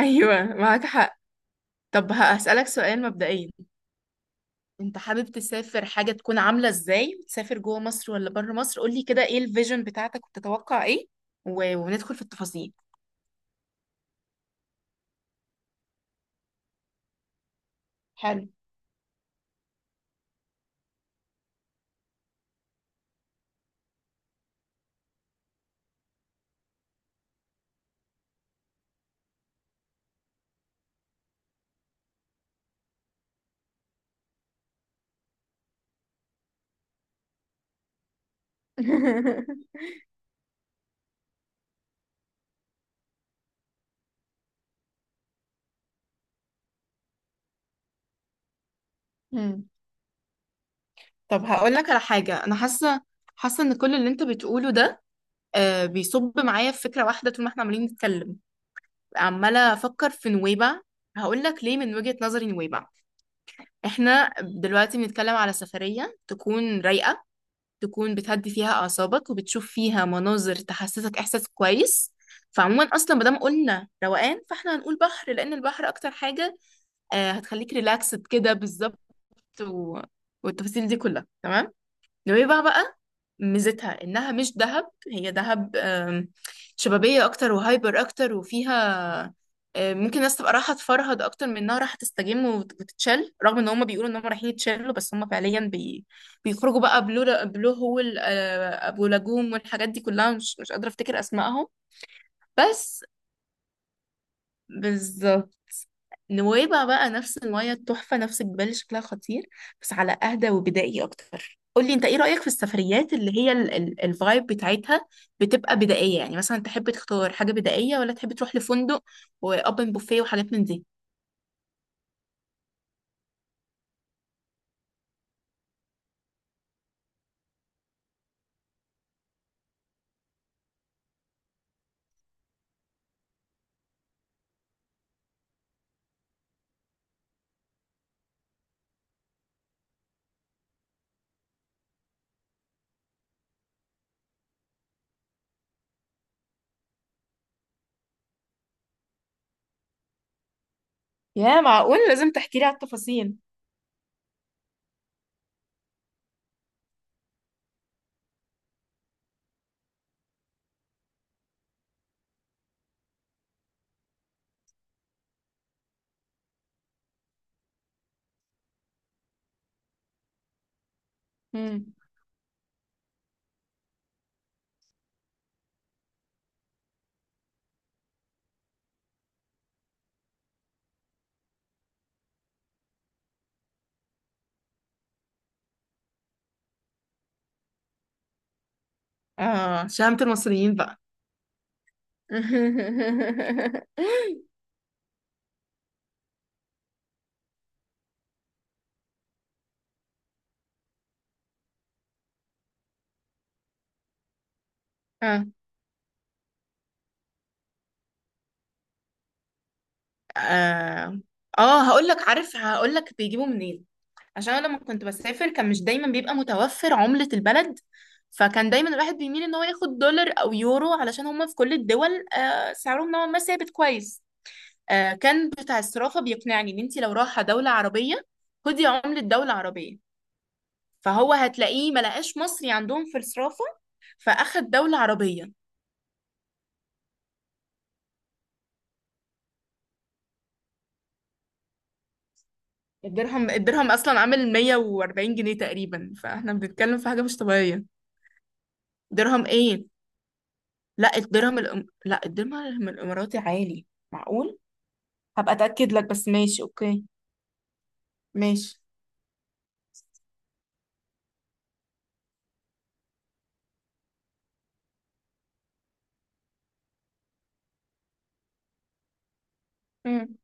ايوه معاك حق. طب هسألك سؤال مبدئيا. انت حابب تسافر حاجة تكون عاملة ازاي؟ تسافر جوه مصر ولا بره مصر؟ قولي كده ايه الفيجن بتاعتك وبتتوقع ايه، و... وندخل في التفاصيل. حلو. مم. طب هقول لك على حاجة أنا حاسة. حاسة إن كل اللي أنت بتقوله ده بيصب معايا في فكرة واحدة طول ما إحنا عمالين نتكلم. عمالة أفكر في نويبع. هقول لك ليه من وجهة نظري نويبع. إحنا دلوقتي بنتكلم على سفرية تكون رايقة، تكون بتهدي فيها أعصابك وبتشوف فيها مناظر تحسسك إحساس كويس. فعموما أصلا مادام قلنا روقان فاحنا هنقول بحر، لأن البحر أكتر حاجة هتخليك ريلاكسد كده بالظبط. و... والتفاصيل دي كلها تمام. نويبع بقى ميزتها انها مش دهب. هي دهب شبابية اكتر وهايبر اكتر، وفيها ممكن الناس تبقى رايحة تفرهد اكتر من انها رايحة تستجم وت- وتتشل، رغم ان هم بيقولوا ان هم رايحين يتشلوا بس هم فعليا بيخرجوا بقى بلو بلو هول، ابو لاجوم والحاجات دي كلها. مش قادرة افتكر اسمائهم بس. بالظبط. نويبع بقى نفس المية التحفة، نفس الجبال اللي شكلها خطير، بس على أهدى وبدائي أكتر. قولي أنت إيه رأيك في السفريات اللي هي الفايب بتاعتها بتبقى بدائية؟ يعني مثلا تحب تختار حاجة بدائية، ولا تحب تروح لفندق وأوبن بوفيه وحاجات من دي؟ يا معقول، لازم تحكي لي على التفاصيل. مم. آه، شهامة المصريين بقى. اه، اه. آه هقول لك، عارف هقول لك بيجيبوا منين. عشان أنا لما كنت بسافر كان مش دايما بيبقى متوفر عملة البلد، فكان دايما الواحد بيميل ان هو ياخد دولار او يورو علشان هما في كل الدول سعرهم نوعا ما ثابت كويس. كان بتاع الصرافة بيقنعني ان انت لو رايحة دولة عربية خدي عملة دولة عربية، فهو هتلاقيه ما لقاش مصري عندهم في الصرافة فاخد دولة عربية. الدرهم اصلا عامل 140 جنيه تقريبا، فاحنا بنتكلم في حاجة مش طبيعية. درهم ايه؟ لا الدرهم الاماراتي عالي. معقول؟ هبقى اتاكد لك، بس ماشي اوكي. ماشي. امم.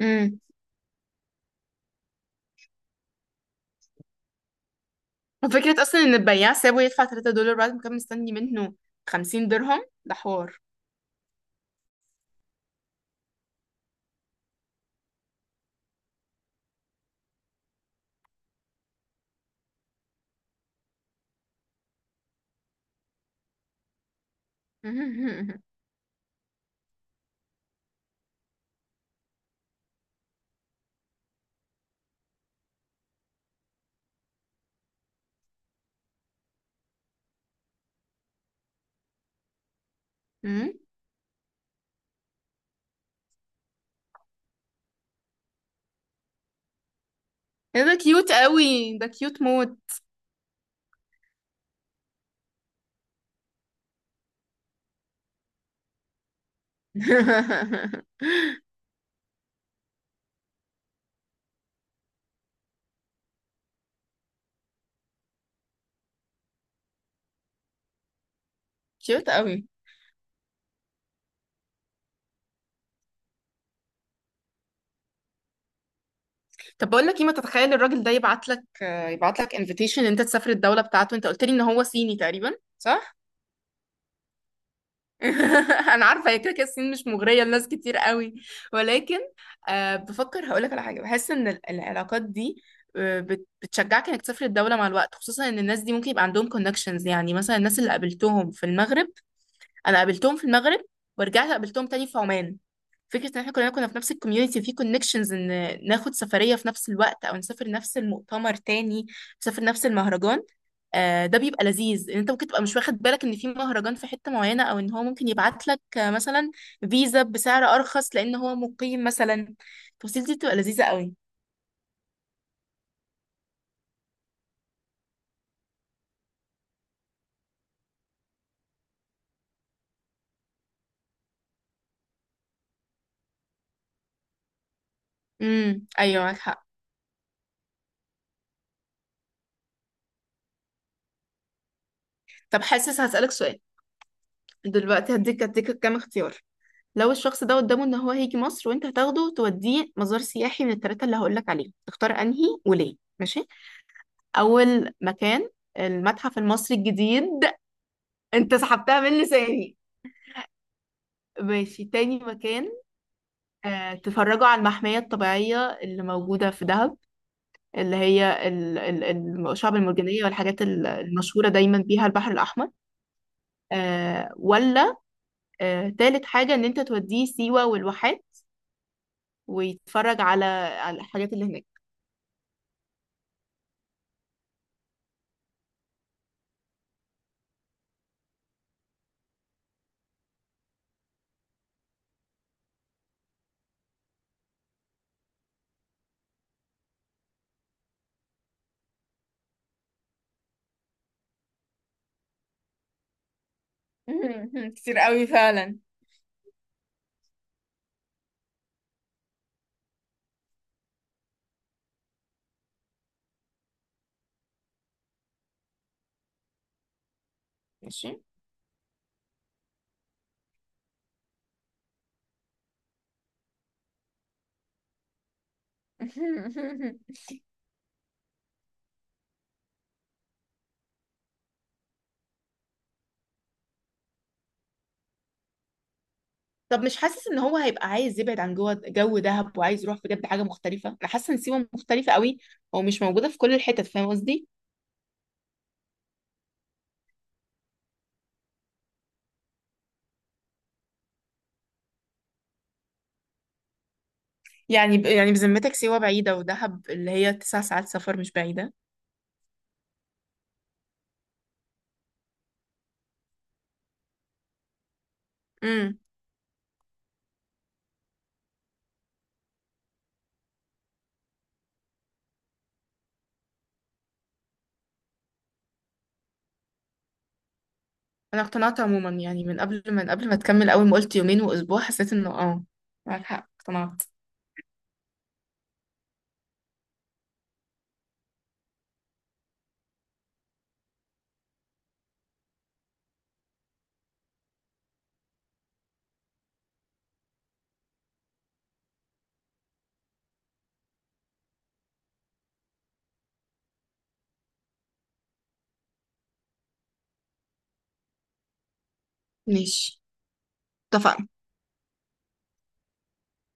امم. وفكرة أصلا إن البياع سابه يدفع 3 دولار بعد ما كان مستني منه 50 درهم، ده حوار. امم. إيه ده، كيوت قوي، ده كيوت موت. كيوت قوي. طب بقول لك ايه، ما تتخيل الراجل ده يبعت لك، يبعت لك انفيتيشن ان انت تسافر الدولة بتاعته. انت قلت لي ان هو صيني تقريبا، صح؟ انا عارفه، هي كده كده الصين مش مغريه لناس كتير قوي. ولكن بفكر هقولك على حاجه. بحس ان العلاقات دي، بتشجعك انك تسافر الدوله مع الوقت، خصوصا ان الناس دي ممكن يبقى عندهم كونكشنز. يعني مثلا الناس اللي قابلتهم في المغرب، انا قابلتهم في المغرب ورجعت قابلتهم تاني في عمان. فكرة ان احنا كلنا كنا في نفس الكوميونتي في كونكشنز، ان ناخد سفرية في نفس الوقت او نسافر نفس المؤتمر تاني، نسافر نفس المهرجان، ده بيبقى لذيذ. ان انت ممكن تبقى مش واخد بالك ان في مهرجان في حتة معينة، او ان هو ممكن يبعت لك مثلا فيزا بسعر ارخص لان هو مقيم مثلا. التفاصيل دي بتبقى لذيذة قوي. امم. ايوه معاك حق. طب حاسس هسألك سؤال. دلوقتي هديك كام اختيار. لو الشخص ده قدامه ان هو هيجي مصر وانت هتاخده توديه مزار سياحي، من الثلاثة اللي هقولك عليهم تختار انهي وليه؟ ماشي. اول مكان، المتحف المصري الجديد. انت سحبتها من لساني. ماشي، تاني مكان، تتفرجوا على المحمية الطبيعية اللي موجودة في دهب، اللي هي الشعب المرجانية والحاجات المشهورة دايما بيها البحر الأحمر. ولا تالت حاجة، إن أنت توديه سيوة والواحات ويتفرج على الحاجات اللي هناك. كتير قوي فعلا. ماشي. طب مش حاسس ان هو هيبقى عايز يبعد عن جوه جو دهب، وعايز يروح بجد حاجه مختلفه؟ انا حاسه ان سيوه مختلفه قوي ومش موجوده في كل الحتت، فاهم قصدي؟ يعني بذمتك سيوه بعيده، ودهب اللي هي 9 ساعات سفر مش بعيده؟ امم. انا اقتنعت عموما يعني، من قبل ما تكمل، اول ما قلت يومين واسبوع حسيت انه اه معاك حق، اقتنعت. ماشي، اتفقنا.